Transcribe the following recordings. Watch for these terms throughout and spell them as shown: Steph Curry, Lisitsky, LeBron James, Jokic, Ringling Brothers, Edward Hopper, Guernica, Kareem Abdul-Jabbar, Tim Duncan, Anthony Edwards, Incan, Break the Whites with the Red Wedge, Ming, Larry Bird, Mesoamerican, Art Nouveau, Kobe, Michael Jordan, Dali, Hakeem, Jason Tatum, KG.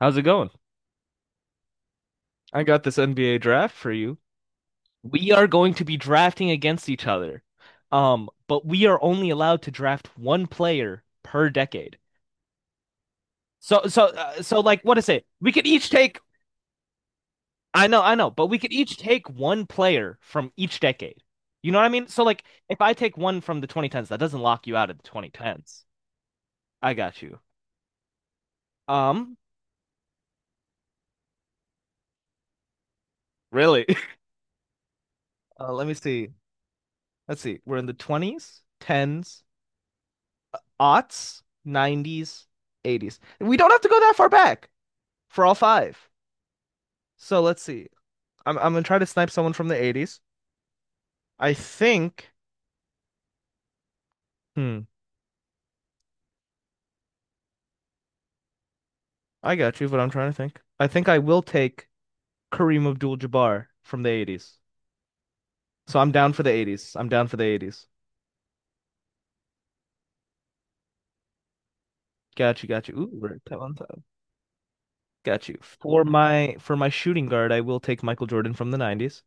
How's it going? I got this NBA draft for you. We are going to be drafting against each other. But we are only allowed to draft one player per decade. So like what is it? We could each take I know, but we could each take one player from each decade. You know what I mean? So like if I take one from the 2010s, that doesn't lock you out of the 2010s. I got you. Um, Really? Let me see. Let's see. We're in the 20s, 10s, aughts, 90s, 80s. We don't have to go that far back for all five. So let's see. I'm gonna try to snipe someone from the 80s. I think. Hmm. I got you, but I'm trying to think. I think I will take Kareem Abdul-Jabbar from the 80s. So I'm down for the 80s. I'm down for the 80s. Got you, got you. Ooh, we're at 10 on time. Got you. For my shooting guard, I will take Michael Jordan from the 90s.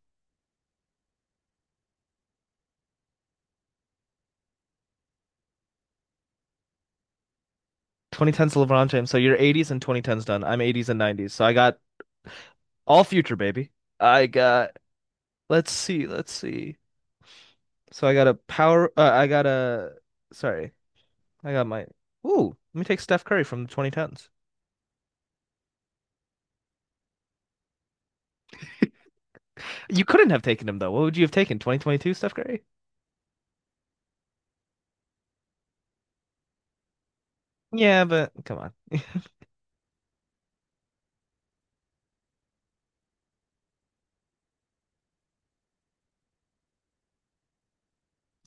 2010s LeBron James. So you're 80s and 2010s done. I'm 80s and 90s. So I got all future, baby. I got Let's see. Let's see. So I got a power. I got a. Sorry, I got my. Ooh, let me take Steph Curry from the 2010s. You couldn't have taken him though. What would you have taken? 2022 Steph Curry? Yeah, but come on.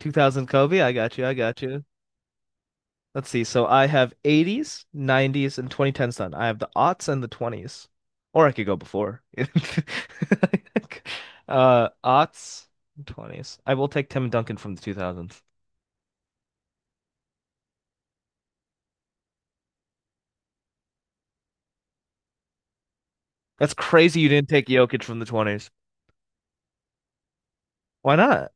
2000 Kobe. I got you. I got you. Let's see. So I have 80s, 90s, and 2010s done. I have the aughts and the 20s, or I could go before. Aughts, 20s. I will take Tim Duncan from the 2000s. That's crazy. You didn't take Jokic from the 20s. Why not?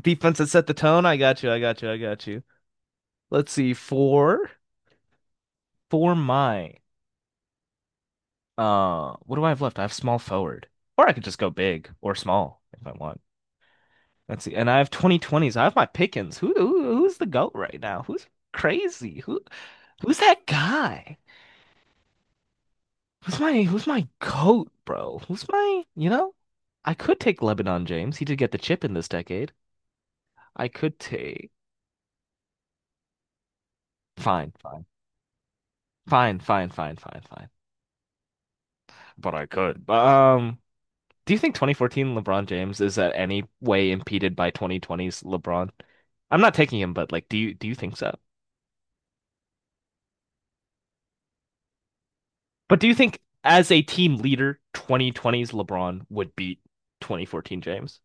Defense that set the tone. I got you. I got you. I got you. Let's see. Four for my what do I have left? I have small forward. Or I could just go big or small if I want. Let's see. And I have 2020s. I have my pickings. Who's the goat right now? Who's crazy? Who's that guy? Who's my goat, bro? Who's my, you know? I could take Lebanon James. He did get the chip in this decade. I could take fine, fine. Fine, fine, fine, fine, fine. But I could. But do you think 2014 LeBron James is at any way impeded by 2020's LeBron? I'm not taking him, but like, do you think so? But do you think as a team leader, 2020's LeBron would beat 2014 James?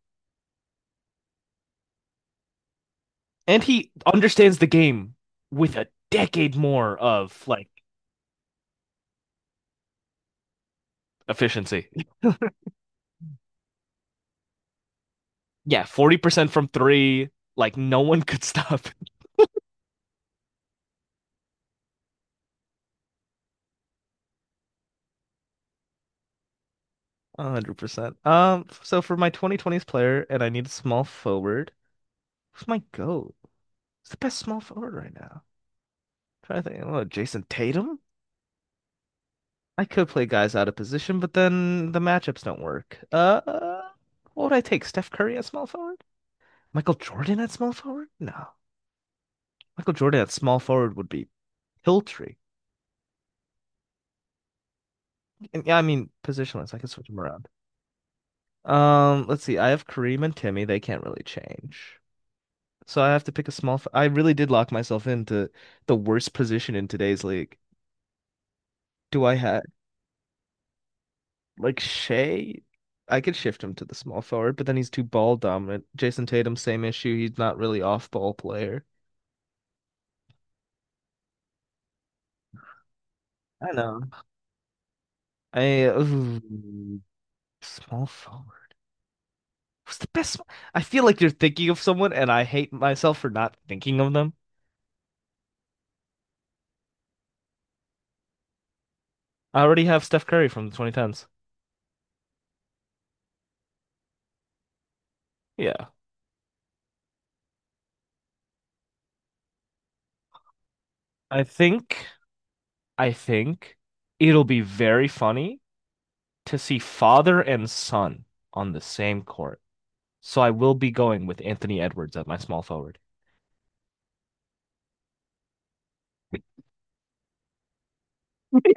And he understands the game with a decade more of like efficiency. Yeah, 40% from three, like no one could stop. 100%. So for my 2020's player and I need a small forward, who's my GOAT? Who's the best small forward right now? Trying to think, oh, Jason Tatum? I could play guys out of position, but then the matchups don't work. What would I take? Steph Curry at small forward? Michael Jordan at small forward? No. Michael Jordan at small forward would be Hiltree. And yeah, I mean positionless. I can switch them around. Let's see. I have Kareem and Timmy. They can't really change. So I have to pick a small. I really did lock myself into the worst position in today's league. Do I have? Like Shea, I could shift him to the small forward, but then he's too ball dominant. Jason Tatum, same issue. He's not really off ball player. I know. I ooh, small forward. Who's the best? I feel like you're thinking of someone, and I hate myself for not thinking of them. I already have Steph Curry from the 2010s. Yeah. I think, I think it'll be very funny to see father and son on the same court. So I will be going with Anthony Edwards at my small forward.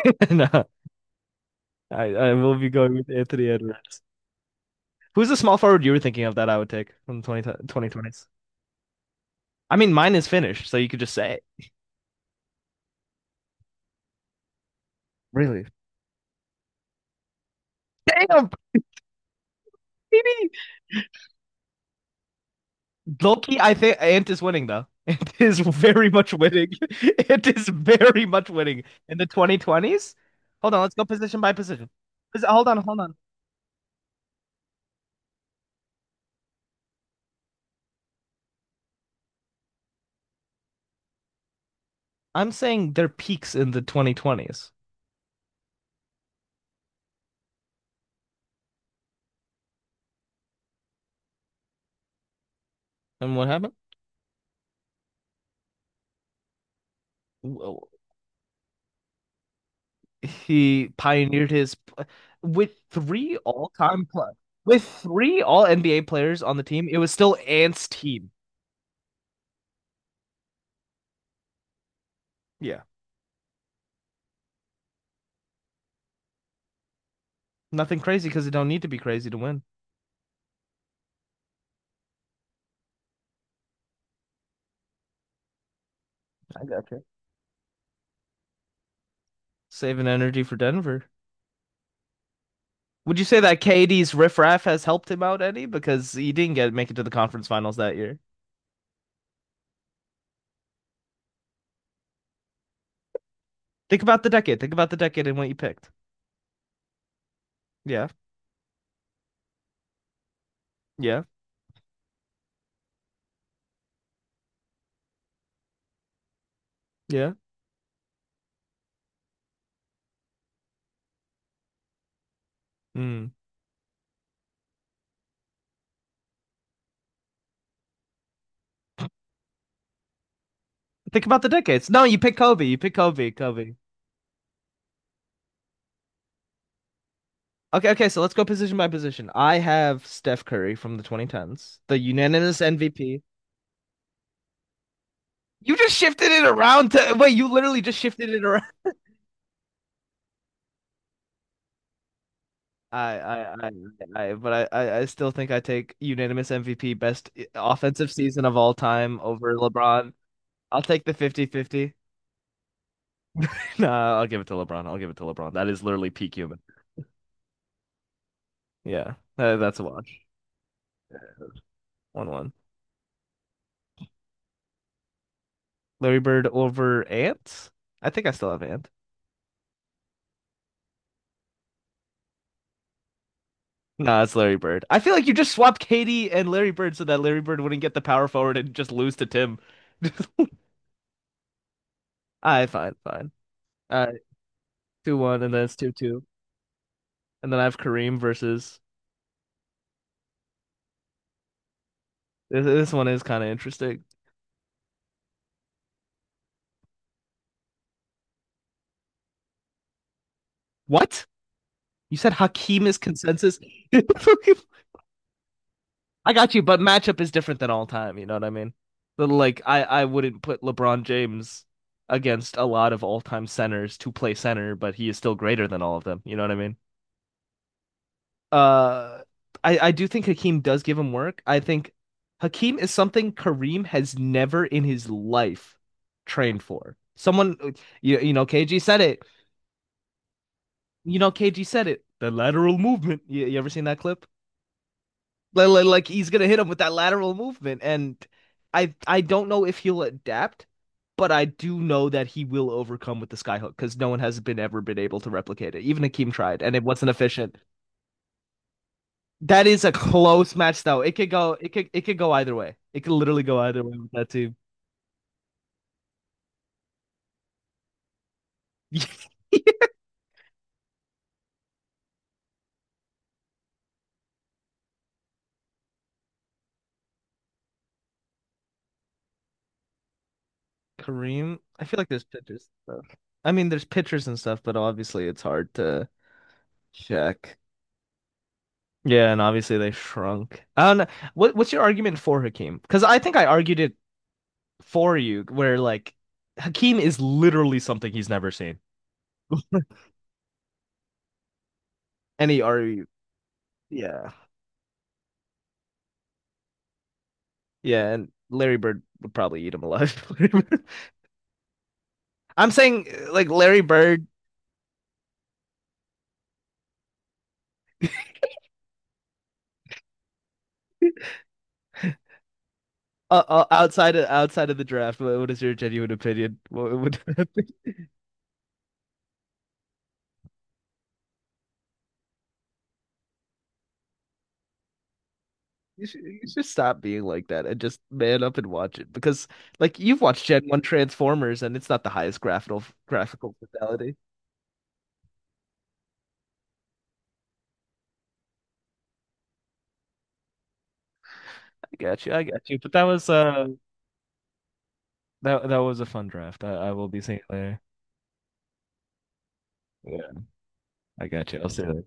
No. I will be going with Anthony Edwards. Who's the small forward you were thinking of that I would take from the 2020s? I mean, mine is finished, so you could just say it. Really? Damn, baby! Loki, I think Ant is winning, though. Ant is very much winning. Ant is very much winning in the 2020s. Hold on, let's go position by position. Hold on, hold on. I'm saying their peaks in the 2020s. And what happened? He pioneered his with three all-time pl- with three all NBA players on the team. It was still Ant's team. Yeah. Nothing crazy because you don't need to be crazy to win. I got you. Saving energy for Denver. Would you say that KD's riffraff has helped him out any? Because he didn't get make it to the conference finals that year. Think about the decade. Think about the decade and what you picked. Yeah. Yeah. Yeah. Mm. Think about the decades. No, you pick Kobe. You pick Kobe. Kobe. Okay, okay, so let's go position by position. I have Steph Curry from the 2010s, the unanimous MVP. You just shifted it around to wait, you literally just shifted it around. I, I, but I still think I take unanimous MVP, best offensive season of all time over LeBron. I'll take the fifty-fifty. 50 No, I'll give it to LeBron. I'll give it to LeBron. That is literally peak human. Yeah, that's a watch. 1-1. Larry Bird over Ant? I think I still have Ant. No, it's Larry Bird. I feel like you just swapped Katie and Larry Bird so that Larry Bird wouldn't get the power forward and just lose to Tim. I fine, fine. Uh, two one, and then it's 2-2, and then I have Kareem versus. This one is kind of interesting. What? You said Hakeem is consensus? I got you, but matchup is different than all time. You know what I mean? But like, I wouldn't put LeBron James against a lot of all time centers to play center, but he is still greater than all of them. You know what I mean? uh I do think Hakeem does give him work. I think Hakeem is something Kareem has never in his life trained for. Someone you know, KG said it. You know, KG said it. The lateral movement. You ever seen that clip? Like, he's gonna hit him with that lateral movement. And I don't know if he'll adapt, but I do know that he will overcome with the skyhook because no one has been ever been able to replicate it. Even Hakeem tried, and it wasn't efficient. That is a close match though. It could go either way. It could literally go either way with that team. Kareem, I feel like there's pictures and stuff. I mean, there's pictures and stuff, but obviously it's hard to check. Yeah, and obviously they shrunk. I don't know. What's your argument for Hakeem? Because I think I argued it for you, where like Hakeem is literally something he's never seen. any argue, yeah, yeah, and Larry Bird would probably eat him alive. I'm saying like Larry Bird. Outside of the draft, what is your genuine opinion? What would You should stop being like that and just man up and watch it because like you've watched Gen One Transformers and it's not the highest graphical fidelity. I got you. I got you. But that was a fun draft. I will be seeing it later. Yeah. I got you. I'll see you later.